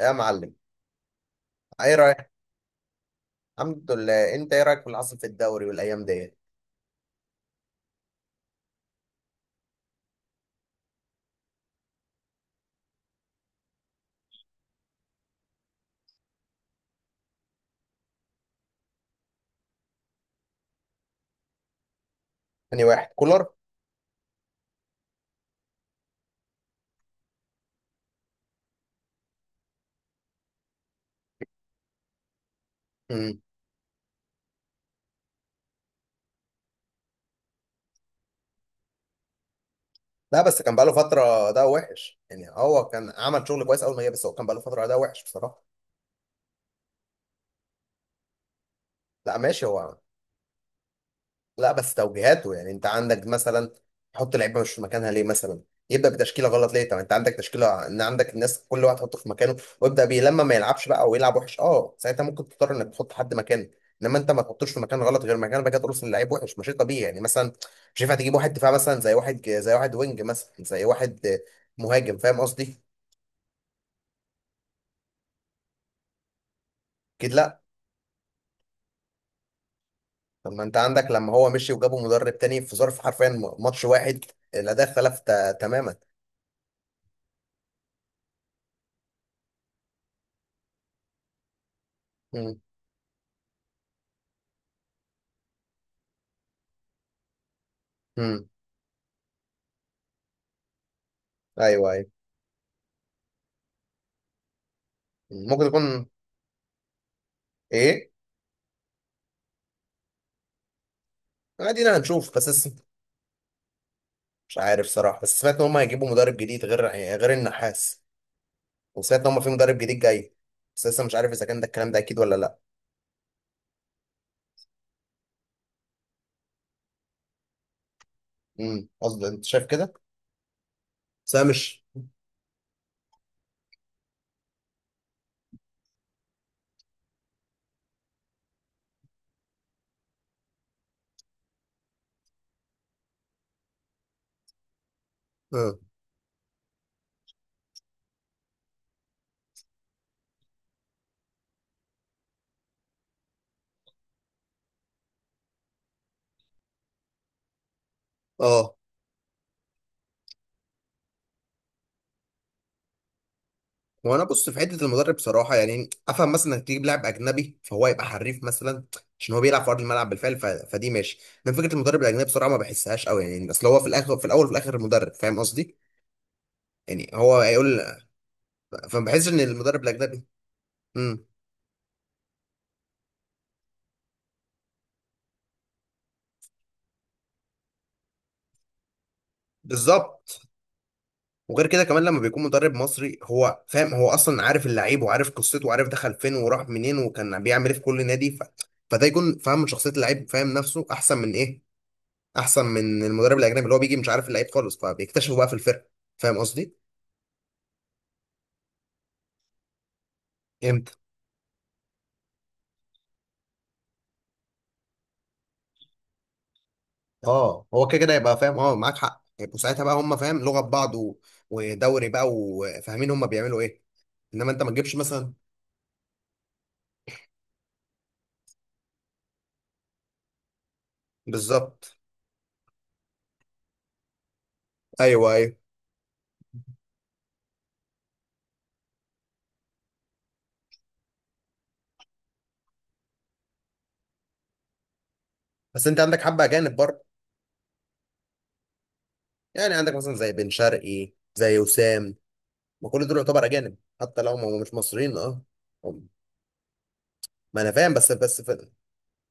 يا معلم، ايه رايك؟ الحمد لله. انت ايه رايك في اللي حصل في الدوري والايام دي؟ تاني واحد، كولر. امم. لا، بس كان بقاله فتره ده وحش، يعني هو كان عمل شغل كويس اول ما جه، بس هو كان بقاله فتره ده وحش بصراحه. لا، ماشي هو. لا، بس توجيهاته يعني، انت عندك مثلا تحط لعيبه مش في مكانها ليه؟ مثلا يبدا بتشكيله غلط ليه؟ طب انت عندك تشكيله، ان عندك الناس كل واحد تحطه في مكانه ويبدا بيه. لما ما يلعبش بقى او يلعب وحش، اه ساعتها ممكن تضطر انك تحط حد مكانه. انما انت ما تحطوش في مكان غلط، غير مكان بقى كده ترسل لعيب وحش مش طبيعي. يعني مثلا مش ينفع تجيب واحد دفاع مثلا، زي واحد، زي واحد وينج مثلا، زي واحد مهاجم. فاهم قصدي؟ اكيد لا. طب ما انت عندك، لما هو مشي وجابوا مدرب تاني، في ظرف حرفيا ماتش واحد، الاداء اختلف تماما. امم. ايوه، ايوه. ممكن يكون. ايه؟ ادينا هنشوف، بس مش عارف صراحه، بس سمعت ان هم هيجيبوا مدرب جديد غير النحاس. وسمعت ان هم في مدرب جديد جاي، بس لسه مش عارف اذا كان ده الكلام، ده اكيد ولا لا. قصدي انت شايف كده؟ بس انا مش. اه، اه. وانا بص في حته المدرب صراحه، يعني افهم مثلا انك تجيب لاعب اجنبي فهو يبقى حريف مثلا، عشان هو بيلعب في ارض الملعب بالفعل، فدي ماشي. لكن فكره المدرب الاجنبي بصراحه ما بحسهاش قوي، يعني اصل هو في الاخر، في الاول وفي الاخر مدرب. فاهم قصدي؟ يعني هو هيقول. فما بحسش ان المدرب الاجنبي. امم. بالظبط. وغير كده كمان، لما بيكون مدرب مصري هو فاهم، هو اصلا عارف اللعيب وعارف قصته وعارف دخل فين وراح منين وكان بيعمل ايه في كل نادي. فده يكون فاهم من شخصيه اللعيب، فاهم نفسه احسن من ايه، احسن من المدرب الاجنبي اللي هو بيجي مش عارف اللعيب خالص فبيكتشفه بقى في الفرقه. فاهم قصدي؟ امتى؟ اه، هو كده كده يبقى فاهم، اه معاك حق، يبقوا ساعتها بقى هم فاهم لغه ببعض ودوري بقى، وفاهمين هم بيعملوا ايه. انما انت ما تجيبش مثلا. بالظبط. ايوه، ايوه. بس انت عندك حبه اجانب برضه. يعني عندك مثلا، زي بن شرقي، زي وسام. ما كل دول يعتبر اجانب، حتى لو هم مش مصريين، اه. هم- ما انا فاهم، بس.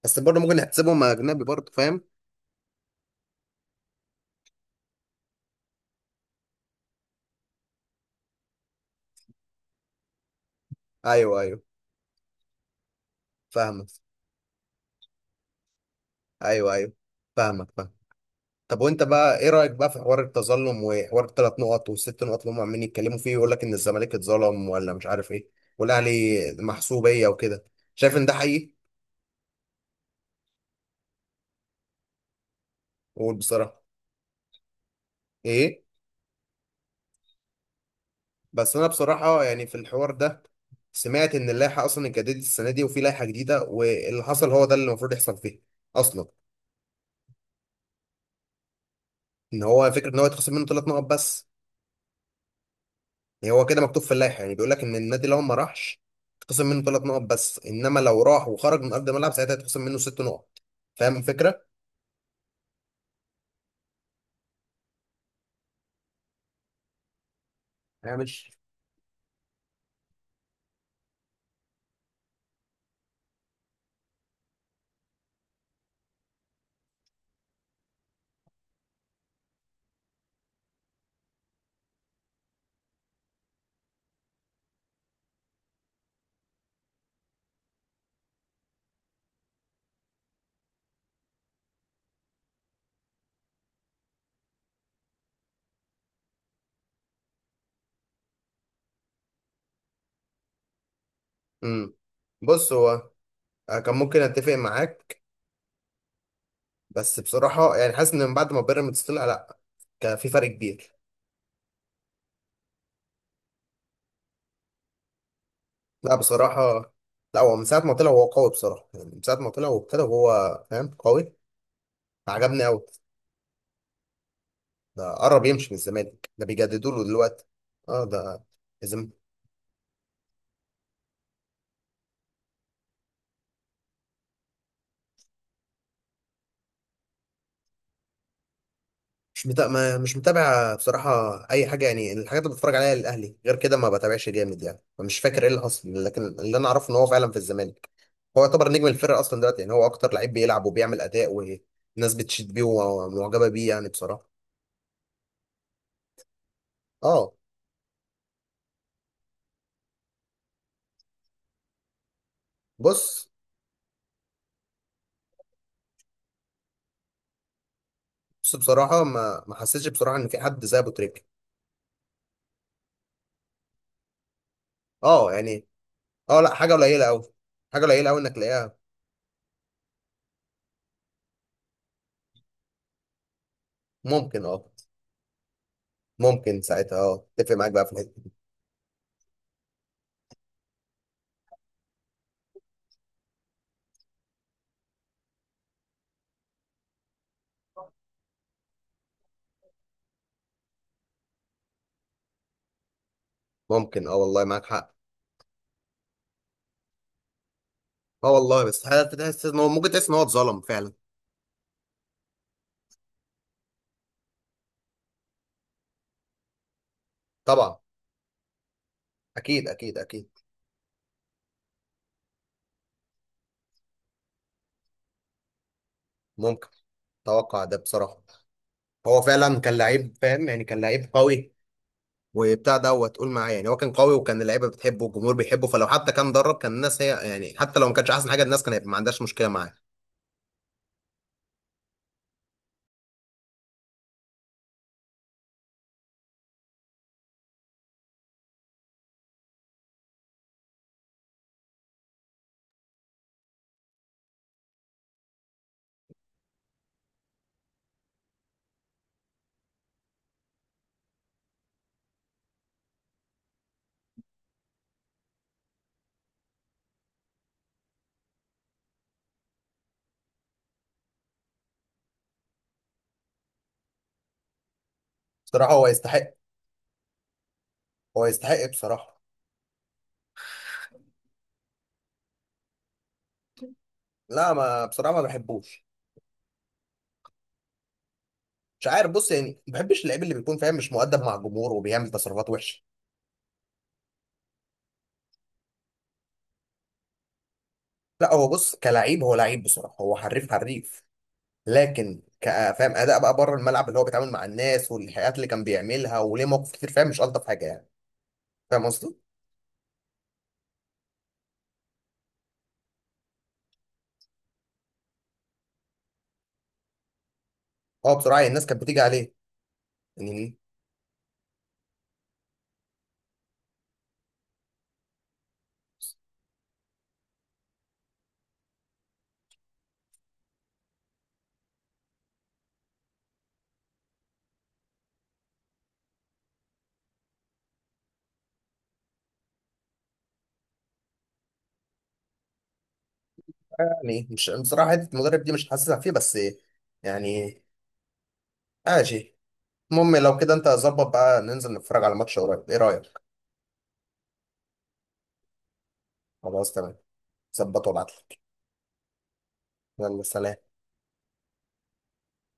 بس برضه ممكن نحسبهم اجنبي برضه، فاهم. ايوه، ايوه. فاهمك. ايوه، ايوه. فاهمك، فاهم. طب وانت بقى ايه رايك بقى في حوار التظلم وحوار الثلاث نقط والست نقط اللي هم عمالين يتكلموا فيه، ويقول لك ان الزمالك اتظلم ولا مش عارف ايه، والاهلي محسوبيه وكده. شايف ان ده حقيقي؟ قول بصراحه. ايه؟ بس انا بصراحه، يعني في الحوار ده، سمعت ان اللائحه اصلا اتجددت السنه دي وفي لائحه جديده، واللي حصل هو ده اللي المفروض يحصل فيها اصلا. ان هو فكره ان هو يتخصم منه ثلاث نقط بس. يعني هو كده مكتوب في اللائحه، يعني بيقول لك ان النادي لو ما راحش يتخصم منه ثلاث نقط بس. انما لو راح وخرج من ارض الملعب ساعتها يتخصم منه ست نقط. فاهم الفكره؟ انا مش. امم. بص، هو. أنا كان ممكن اتفق معاك، بس بصراحه يعني حاسس ان من بعد ما بيراميدز طلع، لا، كان في فرق كبير. لا بصراحة. لا، هو من ساعة ما طلع هو قوي بصراحة، يعني من ساعة ما طلع وابتدى، وهو فاهم قوي. عجبني أوي. ده قرب يمشي من الزمالك، ده بيجددوا له دلوقتي. اه، ده لازم. مش متابع، ما مش متابع بصراحة. أي حاجة يعني، الحاجات اللي بتفرج عليها للأهلي غير كده ما بتابعش جامد يعني، فمش فاكر إيه اللي حصل، لكن اللي أنا أعرفه إن هو فعلا في الزمالك، هو يعتبر نجم الفرقة أصلا دلوقتي، يعني هو أكتر لعيب بيلعب وبيعمل أداء، والناس بتشيد بيه ومعجبة بيه يعني بصراحة. اه، بص. بس بصراحة ما حسيتش بصراحة إن في حد زي أبو تريكة. أه يعني. أه، لا، حاجة قليلة أوي. حاجة قليلة أوي إنك تلاقيها. ممكن، أه. ممكن ساعتها أه، أتفق معاك بقى في الحتة دي. ممكن، أه والله معاك حق. أه والله، بس حاجة تحس إن هو، ممكن تحس إن هو اتظلم فعلا. طبعا. أكيد، أكيد، أكيد. ممكن. أتوقع ده بصراحة. هو فعلا كان لعيب فاهم، يعني كان لعيب قوي. وبتاع دوت تقول معايا، يعني هو كان قوي، وكان اللعيبه بتحبه والجمهور بيحبه، فلو حتى كان درب كان الناس هي يعني، حتى لو ما كانش احسن حاجه، الناس كان هيبقى ما عندهاش مشكله معاه. بصراحه هو يستحق. هو يستحق بصراحة. لا، ما بصراحة ما بحبوش. مش عارف، بص يعني، ما بحبش اللعيب اللي بيكون فاهم مش مؤدب مع الجمهور وبيعمل تصرفات وحشة. لا هو بص، كلعيب هو لعيب بصراحة، هو حريف حريف. لكن كفاهم أداء بقى بره الملعب، اللي هو بيتعامل مع الناس والحاجات اللي كان بيعملها وليه مواقف كتير، فاهم مش ألطف حاجة يعني. فاهم قصدي؟ هو بصراحة، يعني الناس كانت بتيجي عليه. يعني. يعني مش بصراحة، حتة المدرب دي مش حاسسها فيه بس. يعني. ماشي. المهم لو كده أنت ظبط بقى، ننزل نتفرج على ماتش قريب، إيه رأيك؟ خلاص تمام. ظبط وابعتلي. يلا سلام.